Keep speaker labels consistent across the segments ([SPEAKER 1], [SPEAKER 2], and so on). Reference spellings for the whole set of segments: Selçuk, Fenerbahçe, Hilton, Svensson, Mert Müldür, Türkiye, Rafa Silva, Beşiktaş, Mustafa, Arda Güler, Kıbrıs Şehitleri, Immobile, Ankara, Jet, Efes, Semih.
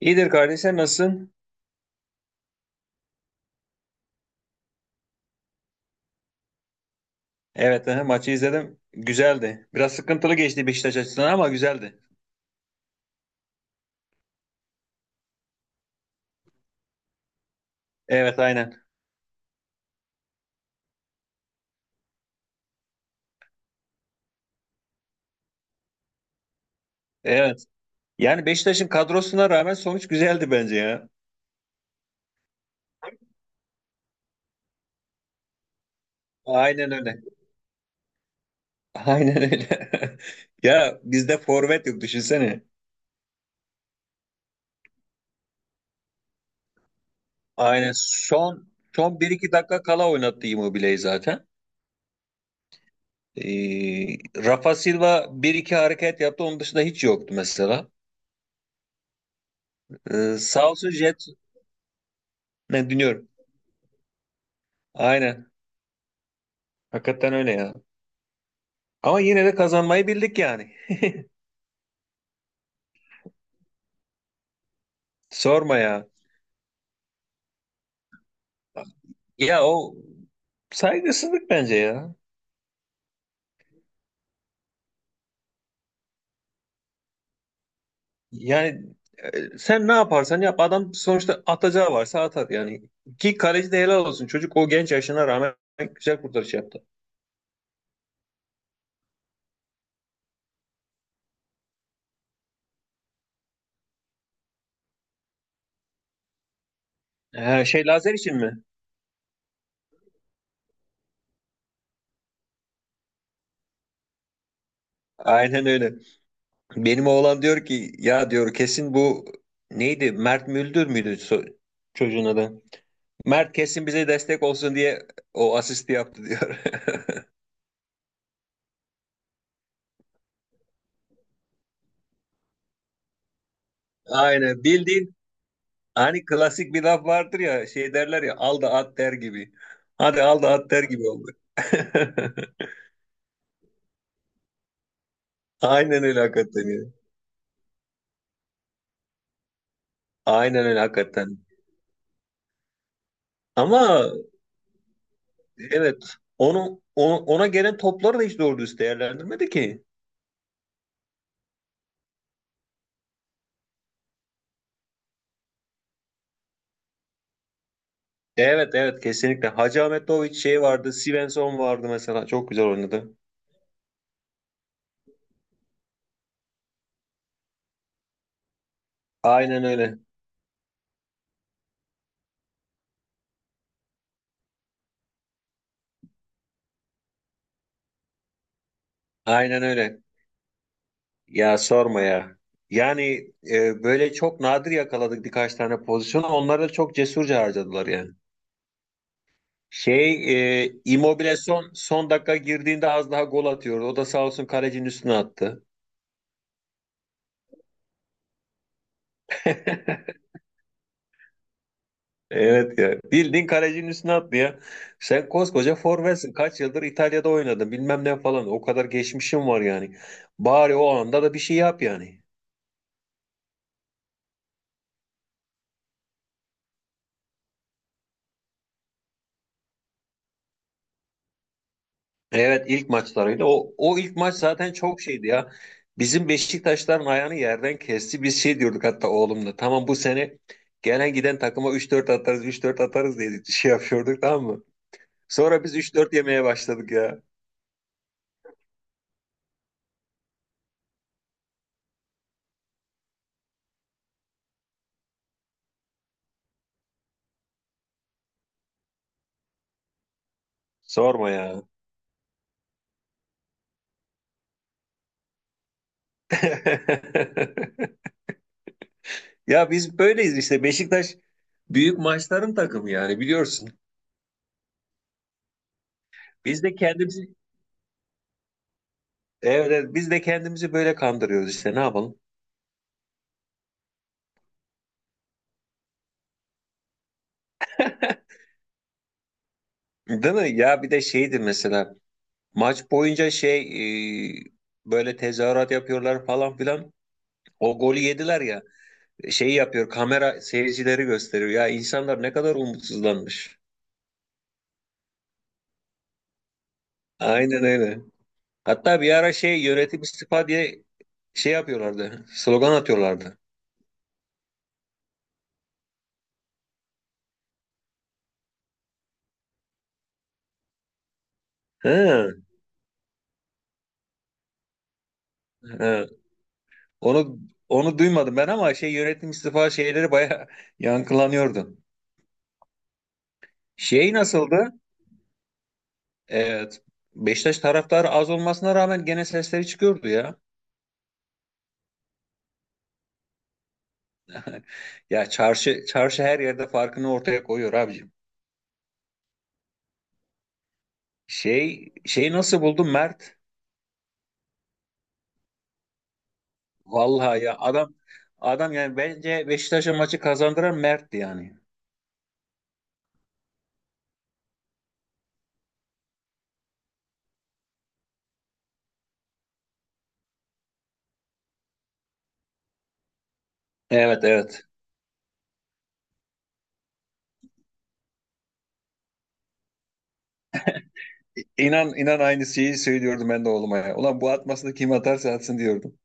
[SPEAKER 1] İyidir kardeşim nasılsın? Evet, maçı izledim. Güzeldi. Biraz sıkıntılı geçti Beşiktaş açısından ama güzeldi. Evet aynen. Evet. Yani Beşiktaş'ın kadrosuna rağmen sonuç güzeldi bence ya. Aynen öyle. Aynen öyle. Ya bizde forvet yok düşünsene. Aynen son bir iki dakika kala oynattı Immobile'yi zaten. Ee, Rafa Silva bir iki hareket yaptı. Onun dışında hiç yoktu mesela. Sağ olsun Jet. Ne dinliyorum. Aynen. Hakikaten öyle ya. Ama yine de kazanmayı bildik yani. Sorma ya. Ya o saygısızlık bence ya. Yani sen ne yaparsan yap adam sonuçta atacağı varsa atar yani. Ki kaleci de helal olsun. Çocuk o genç yaşına rağmen güzel kurtarış yaptı. Ha, şey Lazer için mi? Aynen öyle. Benim oğlan diyor ki ya diyor kesin bu neydi? Mert Müldür müydü çocuğun adı? Mert kesin bize destek olsun diye o asisti yaptı diyor. Aynen bildiğin. Hani klasik bir laf vardır ya şey derler ya al da at der gibi. Hadi al da at der gibi oldu. Aynen öyle hakikaten ya. Aynen öyle hakikaten. Ama evet ona gelen topları da hiç doğru düz değerlendirmedi ki. Evet evet kesinlikle. Hacı Ahmetoviç şey vardı. Svensson vardı mesela. Çok güzel oynadı. Aynen öyle. Aynen öyle. Ya sorma ya. Yani böyle çok nadir yakaladık birkaç tane pozisyonu. Onları da çok cesurca harcadılar yani. Şey Immobile son dakika girdiğinde az daha gol atıyordu. O da sağ olsun kalecinin üstüne attı. Evet ya. Bildiğin kalecinin üstüne attı ya. Sen koskoca forvetsin. Kaç yıldır İtalya'da oynadın bilmem ne falan. O kadar geçmişim var yani. Bari o anda da bir şey yap yani. Evet ilk maçlarıydı. O ilk maç zaten çok şeydi ya. Bizim Beşiktaşların ayağını yerden kesti. Biz şey diyorduk hatta oğlumla. Tamam bu sene gelen giden takıma üç dört atarız diye şey yapıyorduk tamam mı? Sonra biz üç dört yemeye başladık ya. Sorma ya. Ya biz böyleyiz işte. Beşiktaş büyük maçların takımı yani biliyorsun. Biz de kendimizi evet, evet, biz de kendimizi böyle kandırıyoruz işte ne yapalım. Değil mi? Ya bir de şeydi mesela maç boyunca e, böyle tezahürat yapıyorlar falan filan. O golü yediler ya. Şeyi yapıyor kamera seyircileri gösteriyor. Ya insanlar ne kadar umutsuzlanmış. Aynen öyle. Hatta bir ara şey yönetim istifa diye şey yapıyorlardı. Slogan atıyorlardı. He, he. Onu onu duymadım ben ama şey yönetim istifa şeyleri bayağı yankılanıyordu. Şey nasıldı? Evet. Beşiktaş taraftarı az olmasına rağmen gene sesleri çıkıyordu ya. Ya çarşı çarşı her yerde farkını ortaya koyuyor abicim. Şey nasıl buldun Mert? Vallahi ya adam yani bence Beşiktaş'a maçı kazandıran Mert'ti yani. Evet evet. İnan aynı şeyi söylüyordum ben de oğluma ya. Ulan bu atmasını kim atarsa atsın diyordum.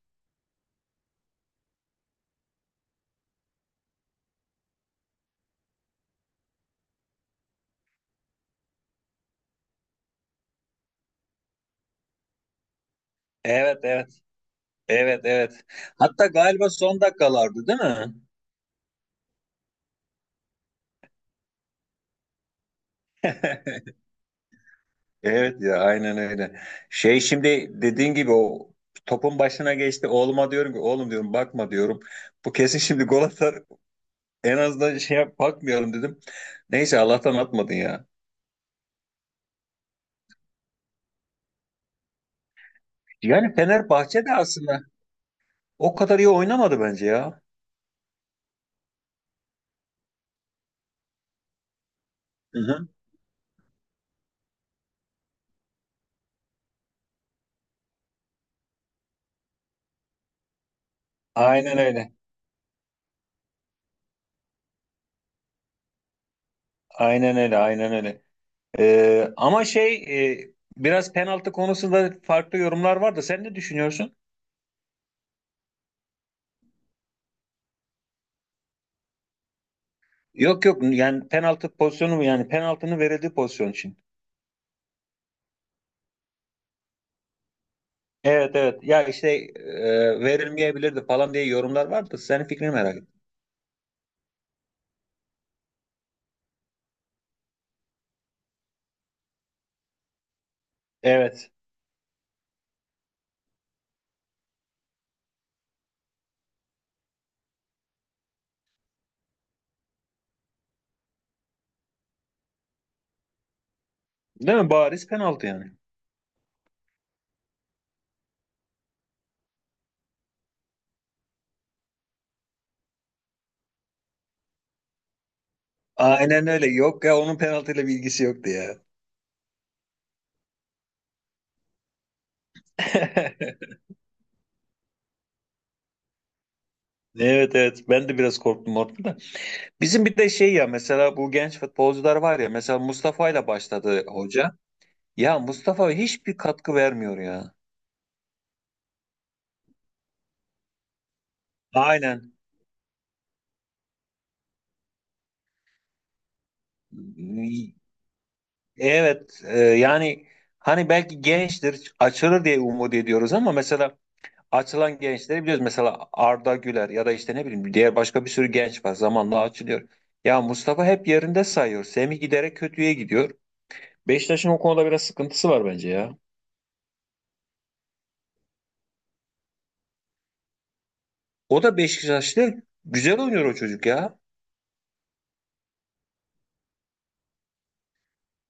[SPEAKER 1] Evet evet. Evet evet. Hatta galiba son dakikalardı değil mi? Evet ya aynen öyle. Şey şimdi dediğin gibi o topun başına geçti. Oğluma diyorum ki oğlum diyorum bakma diyorum. Bu kesin şimdi gol atar. En azından şey yap, bakmayalım dedim. Neyse Allah'tan atmadın ya. Yani Fenerbahçe de aslında o kadar iyi oynamadı bence ya. Hı hı. Aynen öyle. Aynen öyle. Aynen öyle. Ama e, biraz penaltı konusunda farklı yorumlar var da sen ne düşünüyorsun? Yok yok yani penaltı pozisyonu mu yani penaltının verildiği pozisyon için. Evet evet ya işte verilmeyebilirdi falan diye yorumlar vardı. Senin fikrini merak ettim. Evet. Değil mi? Bariz penaltı yani. Aynen öyle. Yok ya onun penaltıyla bir ilgisi yoktu ya. Evet evet ben de biraz korktum orada da. Bizim bir de şey ya mesela bu genç futbolcular var ya mesela Mustafa ile başladı hoca. Ya Mustafa hiçbir katkı vermiyor ya. Aynen. Evet yani hani belki gençtir açılır diye umut ediyoruz ama mesela açılan gençleri biliyoruz. Mesela Arda Güler ya da işte ne bileyim diğer başka bir sürü genç var zamanla açılıyor. Ya Mustafa hep yerinde sayıyor. Semih giderek kötüye gidiyor. Beşiktaş'ın o konuda biraz sıkıntısı var bence ya. O da Beşiktaş'ta güzel oynuyor o çocuk ya.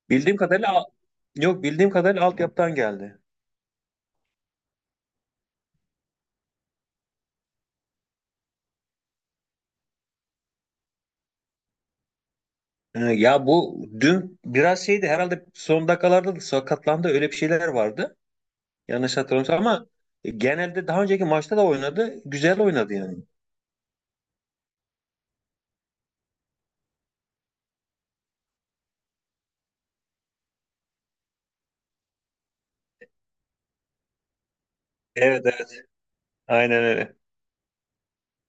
[SPEAKER 1] Bildiğim kadarıyla yok bildiğim kadarıyla altyapıdan geldi. Ya bu dün biraz şeydi herhalde son dakikalarda da sakatlandı öyle bir şeyler vardı. Yanlış hatırlamıyorsam ama genelde daha önceki maçta da oynadı. Güzel oynadı yani. Evet evet. Aynen öyle.